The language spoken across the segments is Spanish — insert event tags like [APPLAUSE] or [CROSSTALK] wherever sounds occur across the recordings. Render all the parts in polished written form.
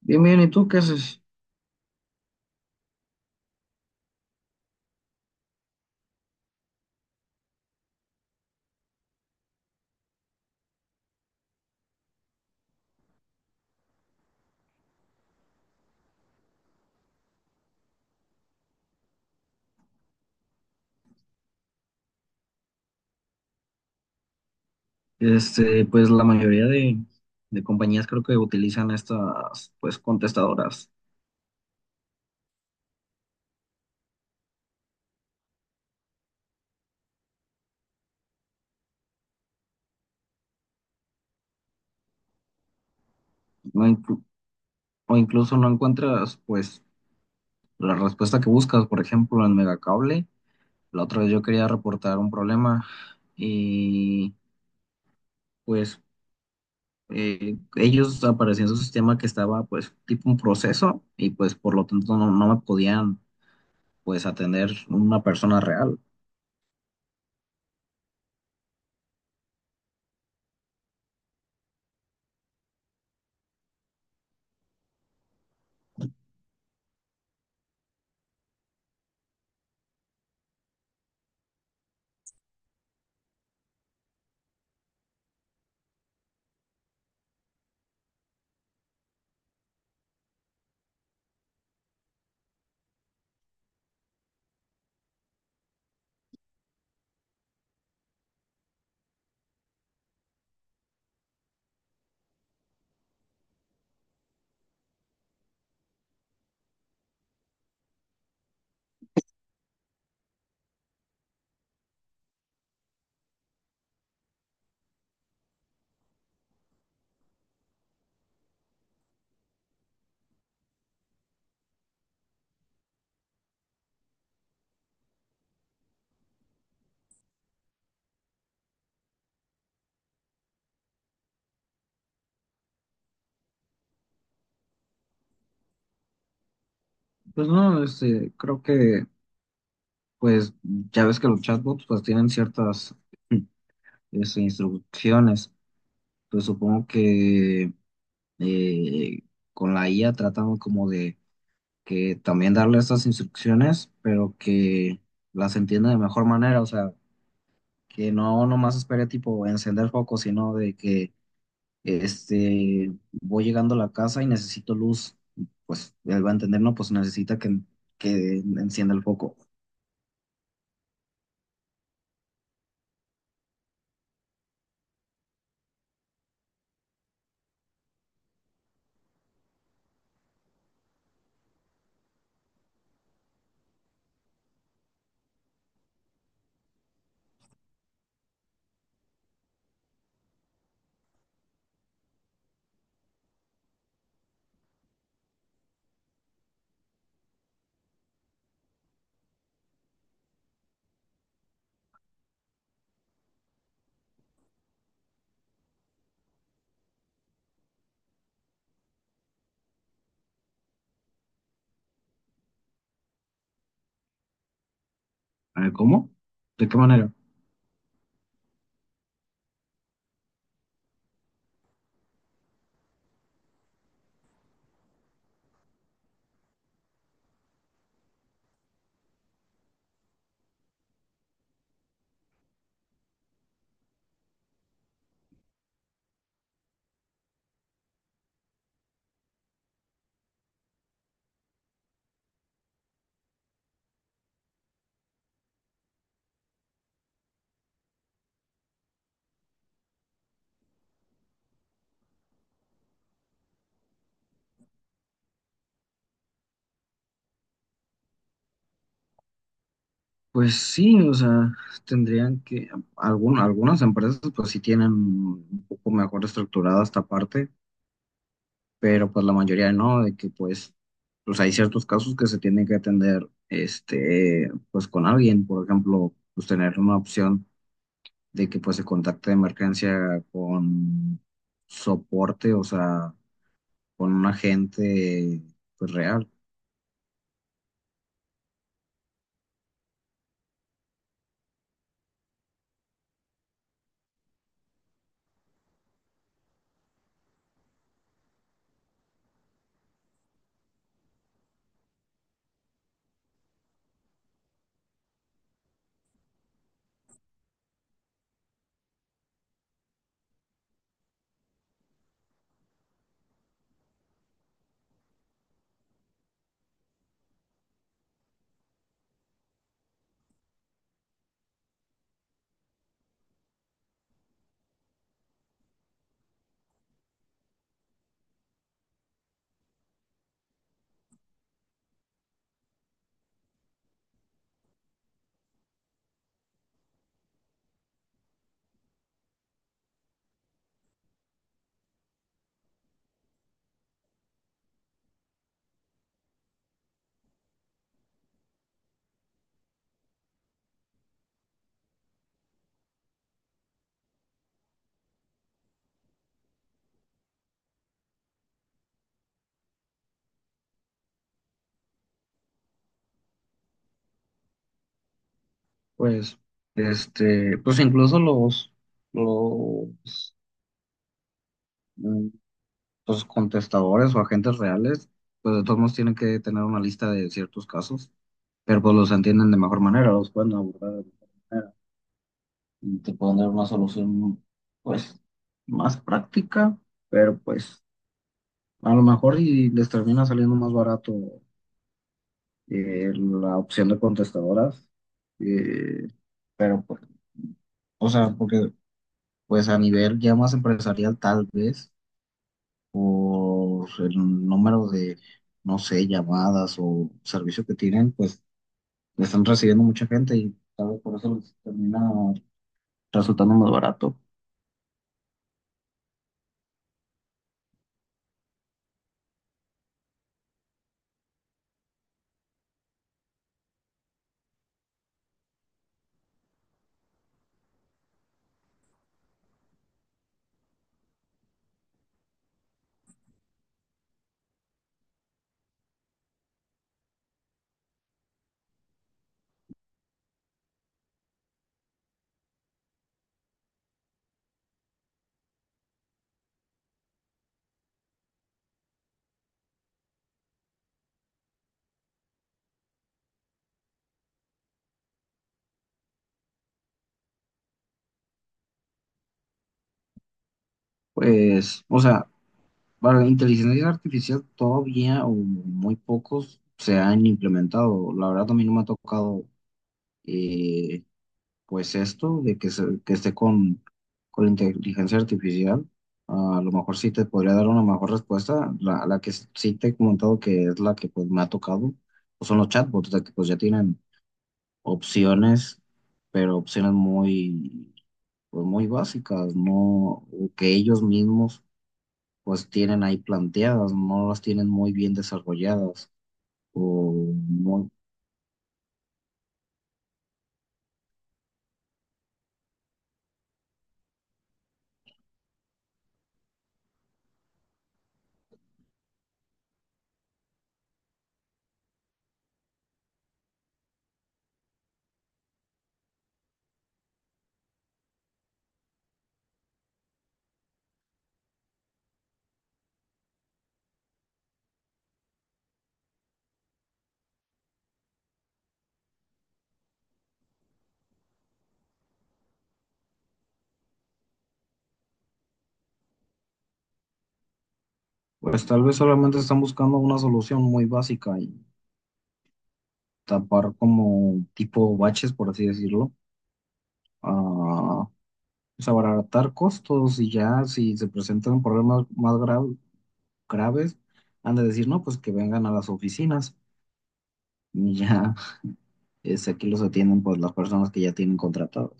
Bien, bien, ¿y tú qué haces? Pues la mayoría de compañías creo que utilizan estas, pues, contestadoras. No inclu- o incluso no encuentras, pues, la respuesta que buscas. Por ejemplo, en Megacable, la otra vez yo quería reportar un problema y, pues, ellos aparecían en su sistema que estaba, pues, tipo un proceso y, pues, por lo tanto no me podían, pues, atender una persona real. Pues no, creo que. Pues ya ves que los chatbots pues tienen ciertas [CLEARS THROAT] es, instrucciones. Pues supongo que eh, con la IA tratamos como de que también darle estas instrucciones, pero que las entienda de mejor manera. O sea, que no nomás espere tipo encender foco, sino de que este voy llegando a la casa y necesito luz. Pues él va a entender, no, pues necesita que encienda el foco. A ver, ¿cómo? ¿De qué manera? Pues sí, o sea, tendrían que, algunas empresas pues sí tienen un poco mejor estructurada esta parte, pero pues la mayoría no, de que pues, pues hay ciertos casos que se tienen que atender, este, pues con alguien, por ejemplo, pues tener una opción de que pues se contacte de emergencia con soporte, o sea, con un agente pues real, pues, pues incluso los los contestadores o agentes reales, pues de todos modos tienen que tener una lista de ciertos casos, pero pues los entienden de mejor manera, los pueden abordar de mejor manera y te pueden dar una solución pues más práctica, pero pues a lo mejor y les termina saliendo más barato la opción de contestadoras, eh, pero pues, o sea, porque pues a nivel ya más empresarial tal vez, por el número de, no sé, llamadas o servicio que tienen, pues le están recibiendo mucha gente y tal vez por eso les termina resultando más barato. Pues, o sea, para la inteligencia artificial todavía o muy pocos se han implementado. La verdad a mí no me ha tocado eh, pues esto de que esté con la inteligencia artificial, a lo mejor sí te podría dar una mejor respuesta. La que sí te he comentado que es la que pues me ha tocado, pues son los chatbots, de que pues ya tienen opciones, pero opciones muy, pues, muy básicas, no, o que ellos mismos pues tienen ahí planteadas, no las tienen muy bien desarrolladas, o muy- pues tal vez solamente están buscando una solución muy básica, tapar como tipo baches, por así decirlo, a pues, abaratar costos y ya si se presentan problemas graves, han de decir, no, pues que vengan a las oficinas y ya [LAUGHS] es, aquí los atienden pues las personas que ya tienen contratados.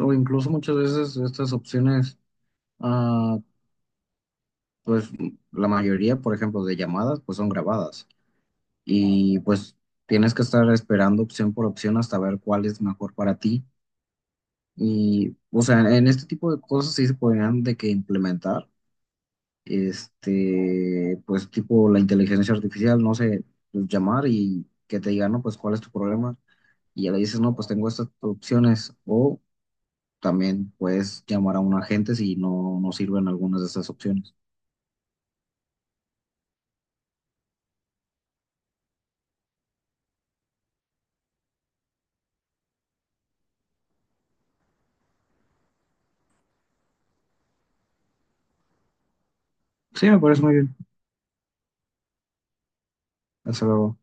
O incluso muchas veces estas opciones, ah, pues la mayoría, por ejemplo, de llamadas, pues son grabadas y pues tienes que estar esperando opción por opción hasta ver cuál es mejor para ti. Y, o sea, en este tipo de cosas sí se podrían de que implementar, este, pues tipo la inteligencia artificial, no sé, pues, llamar y que te diga, no, pues cuál es tu problema. Y ya le dices, no, pues tengo estas opciones. O también puedes llamar a un agente si no, no sirven algunas de estas opciones. Sí, me parece muy bien. Hasta luego.